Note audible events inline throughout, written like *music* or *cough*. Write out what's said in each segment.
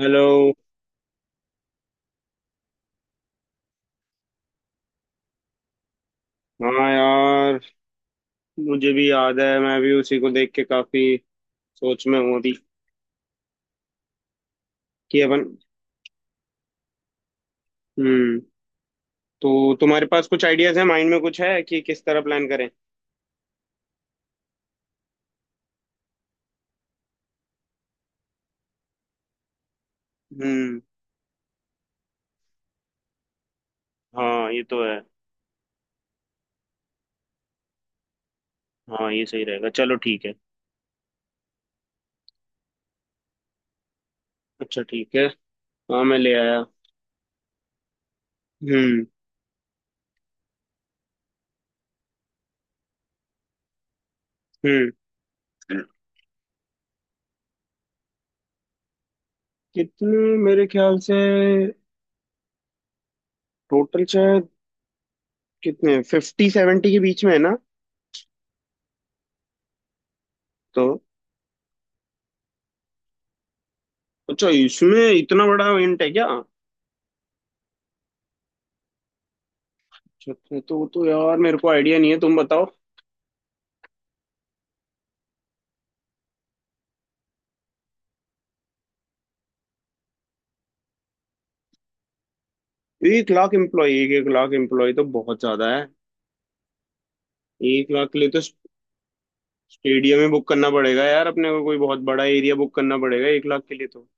Hello. हाँ यार। मुझे भी याद है, मैं भी उसी को देख के काफी सोच में हूँ अभी कि अपन। हम्म। तो तुम्हारे पास कुछ आइडियाज है माइंड में, कुछ है कि किस तरह प्लान करें? हम्म। हाँ ये तो है। हाँ ये सही रहेगा, चलो ठीक है। अच्छा ठीक है। हाँ मैं ले आया। हम्म। हम्म। कितने? मेरे ख्याल से टोटल शायद कितने 50 70 के बीच में है ना। तो अच्छा, इसमें इतना बड़ा इवेंट है क्या? अच्छा अच्छा, तो यार मेरे को आइडिया नहीं है, तुम बताओ। 1 लाख एम्प्लॉय? एक एक लाख एम्प्लॉय तो बहुत ज्यादा है। 1 लाख के लिए तो स्टेडियम ही बुक करना पड़ेगा यार। अपने को कोई बहुत बड़ा एरिया बुक करना पड़ेगा 1 लाख के लिए तो।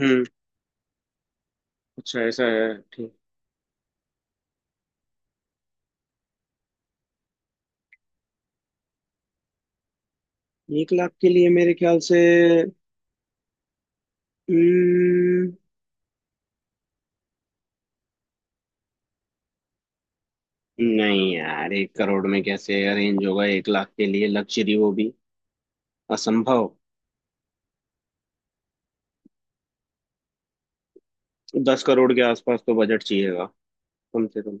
हम्म। अच्छा ऐसा है। ठीक। 1 लाख के लिए मेरे ख्याल से। हम्म। नहीं यार, 1 करोड़ में कैसे अरेंज होगा 1 लाख के लिए लग्जरी, वो भी? असंभव। 10 करोड़ के आसपास तो बजट चाहिएगा कम से कम।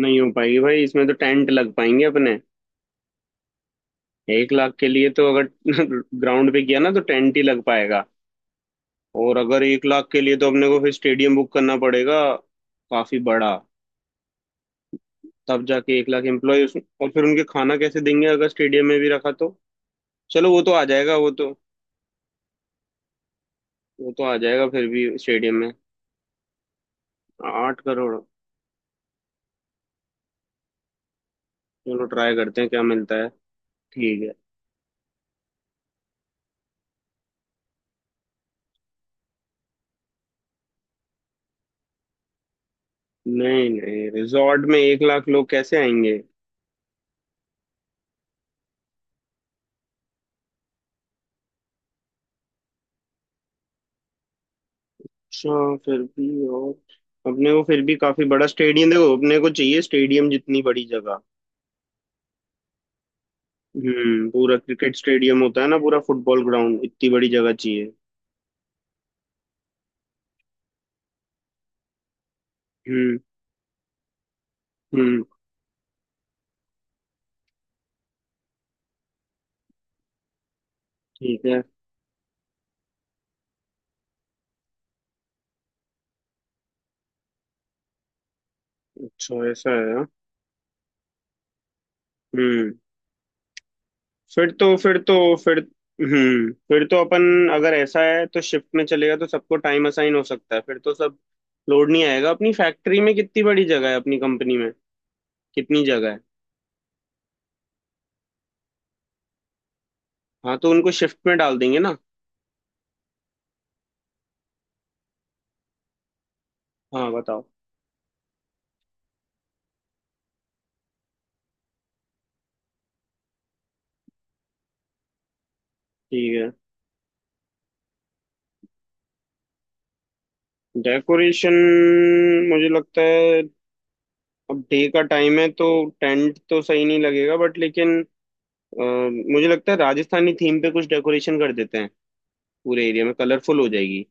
नहीं हो पाएगी भाई, इसमें तो टेंट लग पाएंगे अपने। 1 लाख के लिए तो अगर *laughs* ग्राउंड पे किया ना तो टेंट ही लग पाएगा। और अगर 1 लाख के लिए तो अपने को फिर स्टेडियम बुक करना पड़ेगा, काफी बड़ा। तब जाके 1 लाख एम्प्लॉय, और फिर उनके खाना कैसे देंगे अगर स्टेडियम में भी रखा तो। चलो वो तो आ जाएगा, वो तो। वो तो आ जाएगा फिर भी स्टेडियम में। 8 करोड़। चलो ट्राई करते हैं क्या मिलता है। ठीक है। नहीं नहीं, रिजॉर्ट में 1 लाख लोग कैसे आएंगे? अच्छा, फिर भी। और अपने को फिर भी काफी बड़ा स्टेडियम देखो, अपने को चाहिए स्टेडियम जितनी बड़ी जगह। हम्म। पूरा क्रिकेट स्टेडियम होता है ना, पूरा फुटबॉल ग्राउंड, इतनी बड़ी जगह चाहिए। हम्म। हम्म। ठीक है। अच्छा ऐसा है, हाँ। हम्म फिर तो फिर तो फिर फिर तो अपन अगर ऐसा है तो शिफ्ट में चलेगा, तो सबको टाइम असाइन हो सकता है, फिर तो सब लोड नहीं आएगा। अपनी फैक्ट्री में कितनी बड़ी जगह है, अपनी कंपनी में कितनी जगह है? हाँ तो उनको शिफ्ट में डाल देंगे ना। हाँ बताओ। ठीक है। डेकोरेशन। मुझे लगता है अब डे का टाइम है तो टेंट तो सही नहीं लगेगा, बट लेकिन अ, मुझे लगता है राजस्थानी थीम पे कुछ डेकोरेशन कर देते हैं, पूरे एरिया में कलरफुल हो जाएगी।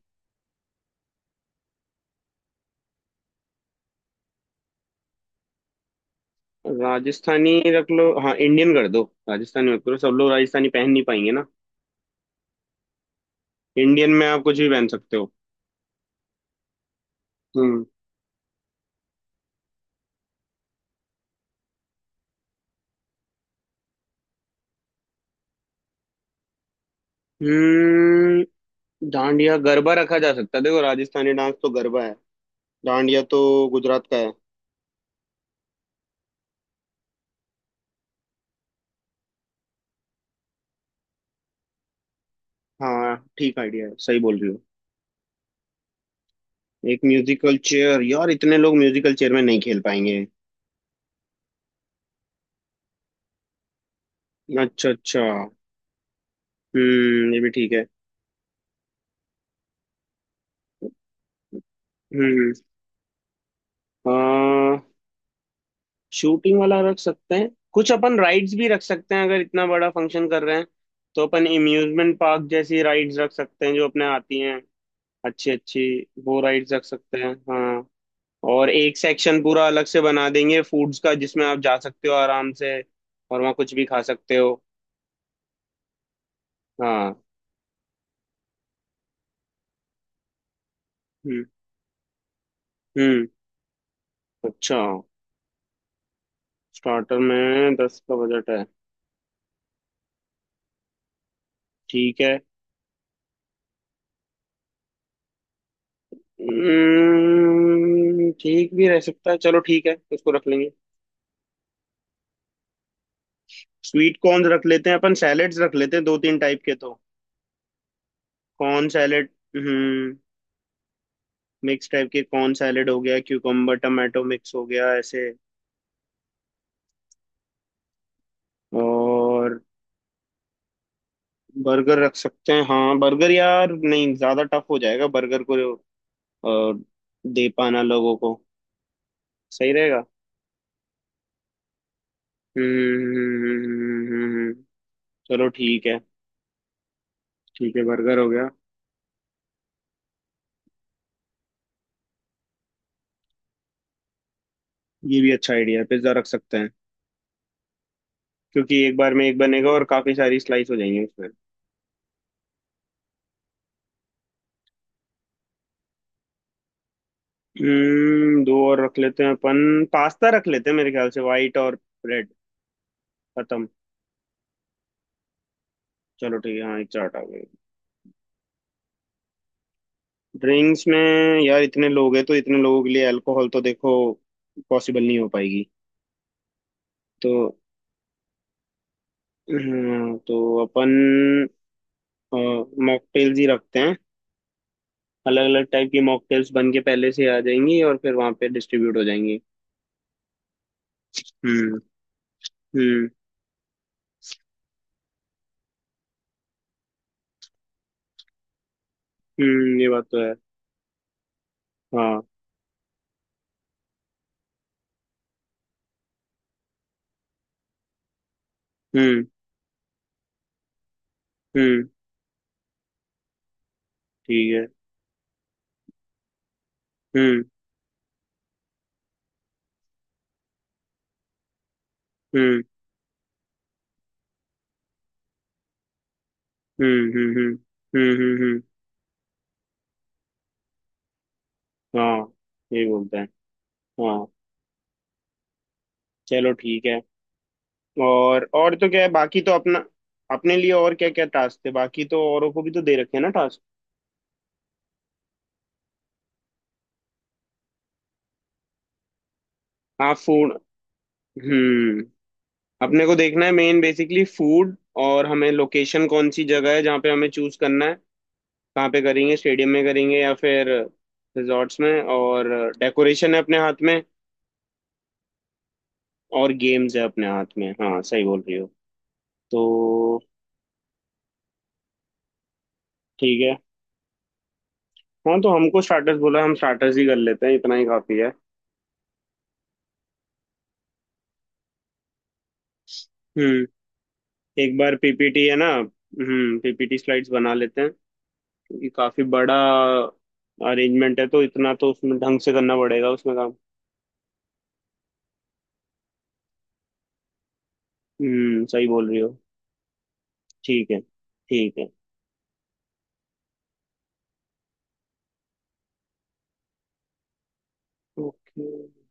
राजस्थानी रख लो, हाँ इंडियन कर दो। राजस्थानी मत करो, सब लोग राजस्थानी पहन नहीं पाएंगे ना। इंडियन में आप कुछ भी पहन सकते हो। हम्म। हम्म। डांडिया गरबा रखा जा सकता है, देखो राजस्थानी डांस तो गरबा है, डांडिया तो गुजरात का है। हाँ, ठीक आइडिया है, सही बोल रही हो। एक म्यूजिकल चेयर? यार इतने लोग म्यूजिकल चेयर में नहीं खेल पाएंगे। अच्छा अच्छा। हम्म, ये भी ठीक है। हम्म। शूटिंग वाला रख सकते हैं, कुछ अपन राइड्स भी रख सकते हैं अगर इतना बड़ा फंक्शन कर रहे हैं। तो अपन इम्यूजमेंट पार्क जैसी राइड्स रख सकते हैं जो अपने आती हैं। अच्छी अच्छी वो राइड्स रख सकते हैं, हाँ। और एक सेक्शन पूरा अलग से बना देंगे फूड्स का, जिसमें आप जा सकते हो आराम से। और वहाँ कुछ भी खा सकते हो। हाँ। हम्म। हम्म। अच्छा। स्टार्टर में 10 का बजट है। ठीक है। ठीक भी रह सकता है, चलो ठीक है, उसको रख लेंगे। स्वीट कॉर्न रख लेते हैं अपन, सैलेड्स रख लेते हैं दो तीन टाइप के तो। Corn salad. हम्म। मिक्स टाइप के कॉर्न सैलेड हो गया, क्यूकम्बर टमाटो मिक्स हो गया ऐसे। और? बर्गर रख सकते हैं, हाँ। बर्गर, यार नहीं, ज्यादा टफ हो जाएगा बर्गर को अ, दे पाना लोगों को। सही रहेगा। हम्म। हम्म। चलो ठीक है। ठीक है, बर्गर हो गया। ये भी अच्छा आइडिया है, पिज्जा रख सकते हैं क्योंकि एक बार में एक बनेगा और काफी सारी स्लाइस हो जाएंगी उसमें। हम्म, दो और रख लेते हैं अपन, पास्ता रख लेते हैं मेरे ख्याल से, व्हाइट और रेड। खत्म। चलो ठीक है, हाँ, एक चार्ट आ गई। ड्रिंक्स में? यार इतने लोग हैं तो इतने लोगों के लिए अल्कोहल तो देखो पॉसिबल नहीं हो पाएगी। तो तो अपन मॉकटेल्स ही रखते हैं। अलग अलग टाइप की मॉकटेल्स बन के पहले से आ जाएंगी और फिर वहां पे डिस्ट्रीब्यूट हो जाएंगी। हम्म। हम्म। हम्म। ये बात तो है। हाँ। हम्म। हम्म। ठीक है। हम्म। हम्म। हम्म। हम्म। हम्म। हम्म। हम्म। हम्म। हाँ, यही बोलते हैं। हाँ। चलो ठीक है। और तो क्या है, बाकी तो अपना। अपने लिए और क्या क्या टास्क थे, बाकी तो औरों को भी तो दे रखे हैं ना टास्क। हाँ, फूड। हम्म। अपने को देखना है मेन बेसिकली फूड, और हमें लोकेशन, कौन सी जगह है जहाँ पे हमें चूज करना है, कहाँ पे करेंगे, स्टेडियम में करेंगे या फिर रिजॉर्ट्स में। और डेकोरेशन है अपने हाथ में। और गेम्स है अपने हाथ में, हाँ सही बोल रही हो। तो। ठीक है। हाँ, तो हमको स्टार्टर्स बोला, हम स्टार्टर्स ही कर लेते हैं, इतना ही काफी है। हम्म। एक बार पीपीटी है ना, पीपीटी स्लाइड्स बना लेते हैं क्योंकि काफी बड़ा अरेंजमेंट है, तो इतना तो उसमें ढंग से करना पड़ेगा, उसमें काम। सही बोल रही हो। ठीक है। ठीक है। ओके।